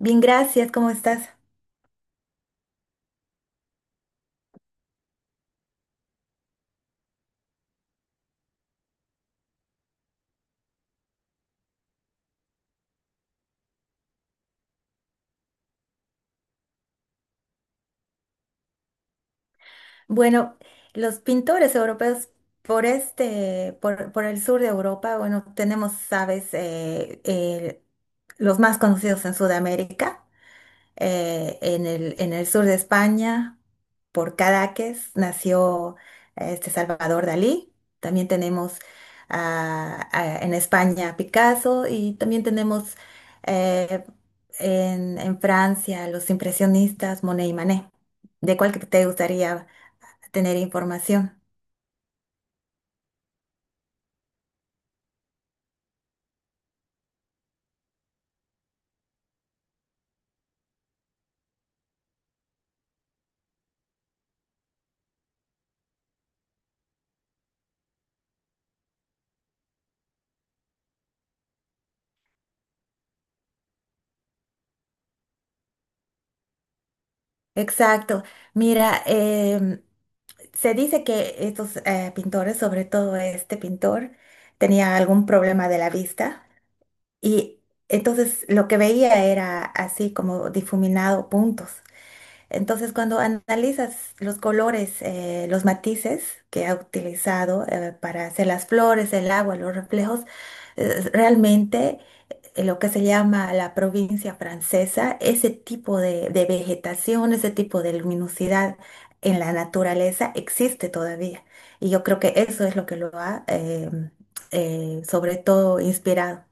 Bien, gracias, ¿cómo estás? Bueno, los pintores europeos por el sur de Europa, bueno, tenemos, sabes, los más conocidos en Sudamérica. En el sur de España, por Cadaqués, nació este Salvador Dalí. También tenemos en España Picasso y también tenemos eh, en Francia los impresionistas Monet y Manet. ¿De cuál que te gustaría tener información? Exacto. Mira, se dice que estos pintores, sobre todo este pintor, tenía algún problema de la vista y entonces lo que veía era así como difuminado puntos. Entonces cuando analizas los colores, los matices que ha utilizado para hacer las flores, el agua, los reflejos, realmente lo que se llama la provincia francesa, ese tipo de vegetación, ese tipo de luminosidad en la naturaleza existe todavía. Y yo creo que eso es lo que lo ha, sobre todo, inspirado.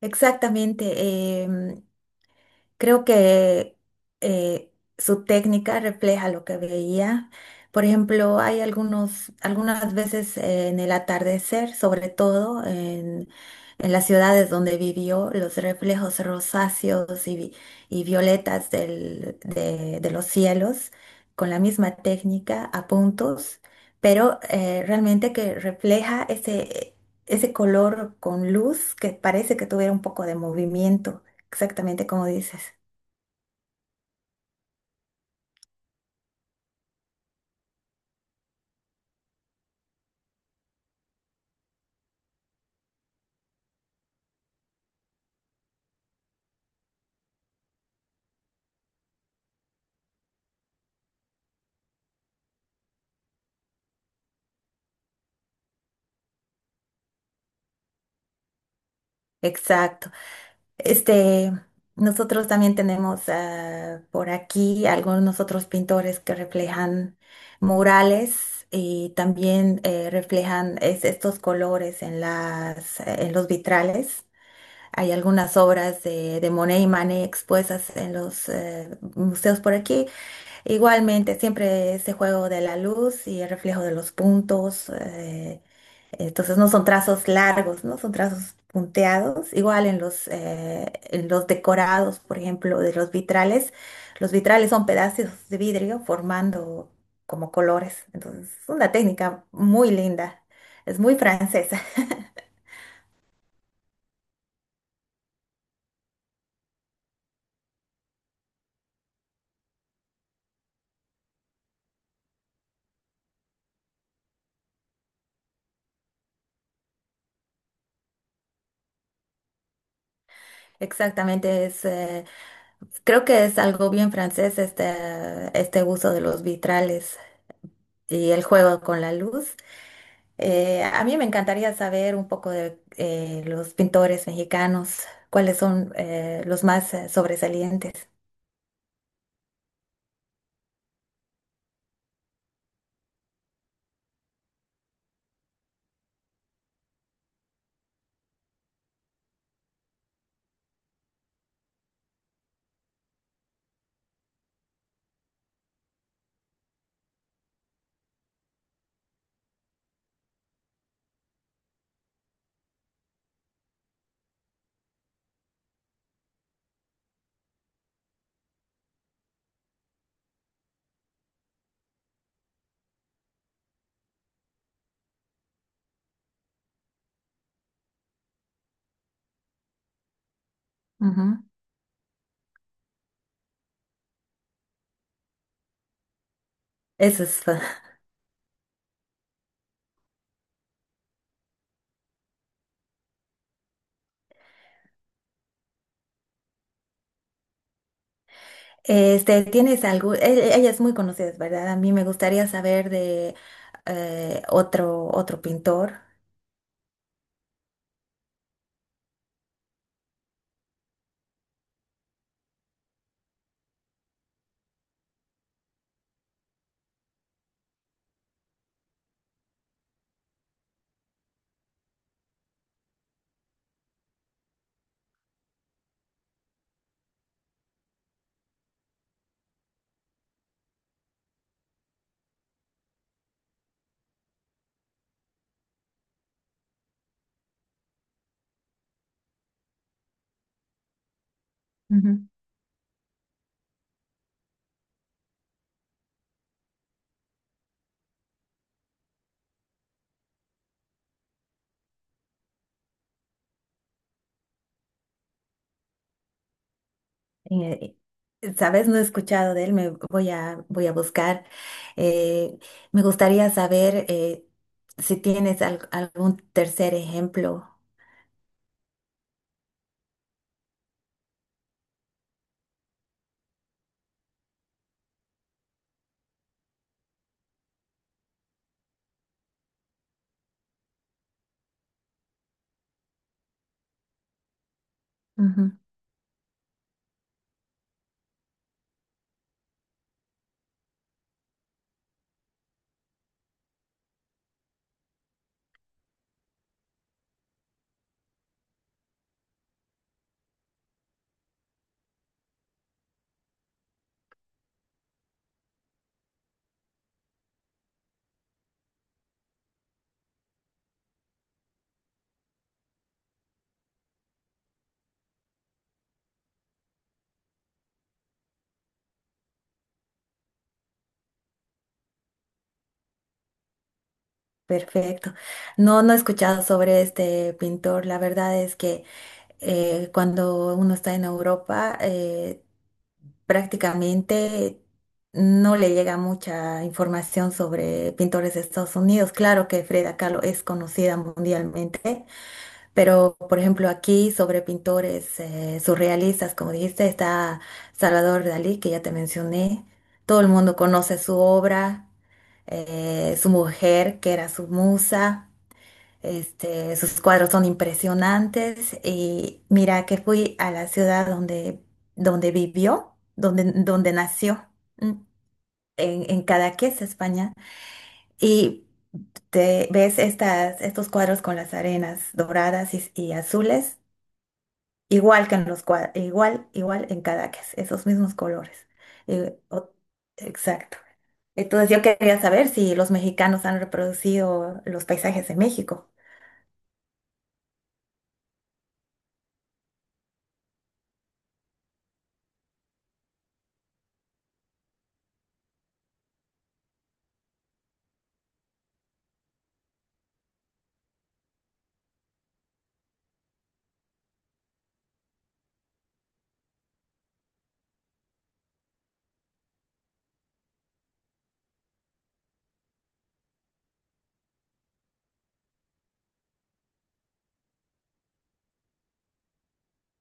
Exactamente. Creo que eh, su técnica refleja lo que veía. Por ejemplo, hay algunas veces en el atardecer, sobre todo en las ciudades donde vivió, los reflejos rosáceos y, y violetas de los cielos, con la misma técnica a puntos, pero realmente que refleja ese, ese color con luz que parece que tuviera un poco de movimiento. Exactamente como dices. Exacto. Este, nosotros también tenemos, ah, por aquí algunos otros pintores que reflejan murales y también reflejan estos colores en los vitrales. Hay algunas obras de Monet y Manet expuestas en los museos por aquí. Igualmente, siempre ese juego de la luz y el reflejo de los puntos. Entonces no son trazos largos, ¿no? Son trazos punteados. Igual en los decorados, por ejemplo, de los vitrales son pedazos de vidrio formando como colores. Entonces es una técnica muy linda, es muy francesa. Exactamente, es, creo que es algo bien francés este, este uso de los vitrales y el juego con la luz. A mí me encantaría saber un poco de los pintores mexicanos, cuáles son los más sobresalientes. Ujú. Eso es. Este, ¿tienes algo? Ella es muy conocida, ¿verdad? A mí me gustaría saber de otro pintor. Ujú. Eh, ¿Sabes? No he escuchado de él, voy a buscar. Eh, me gustaría saber si tienes algún tercer ejemplo. Perfecto. No, no he escuchado sobre este pintor. La verdad es que cuando uno está en Europa, prácticamente no le llega mucha información sobre pintores de Estados Unidos. Claro que Frida Kahlo es conocida mundialmente, pero por ejemplo aquí sobre pintores surrealistas, como dijiste, está Salvador Dalí, que ya te mencioné. Todo el mundo conoce su obra, su mujer, que era su musa. Este, sus cuadros son impresionantes y mira que fui a la ciudad donde, donde vivió, donde nació, mm, en Cadaqués, España, y te ves estas, estos cuadros con las arenas doradas y azules, igual que en los cuadros, igual, igual en Cadaqués, esos mismos colores. Eh, o- exacto. Entonces yo quería saber si los mexicanos han reproducido los paisajes de México.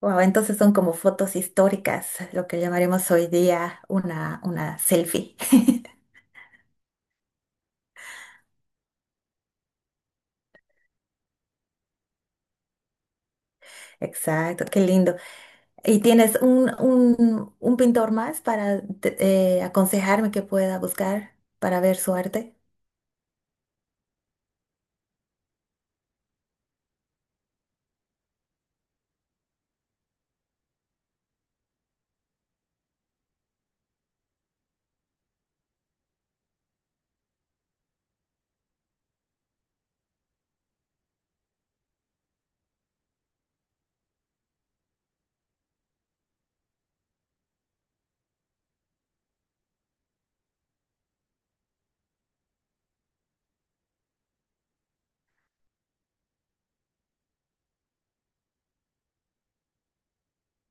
Wow, entonces son como fotos históricas, lo que llamaremos hoy día una selfie. Exacto, qué lindo. ¿Y tienes un pintor más para aconsejarme que pueda buscar para ver su arte?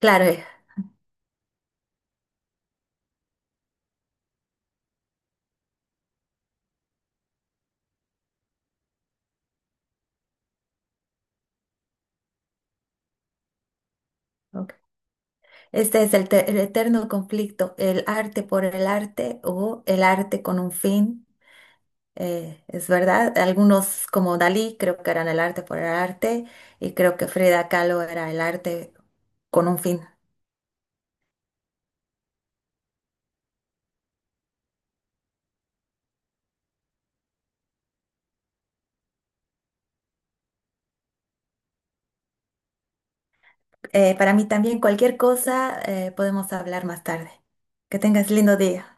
Claro, ok. Este es el, el eterno conflicto, el arte por el arte o el arte con un fin. Eh, es verdad, algunos como Dalí creo que eran el arte por el arte y creo que Frida Kahlo era el arte con un fin. Para mí también cualquier cosa, podemos hablar más tarde. Que tengas lindo día.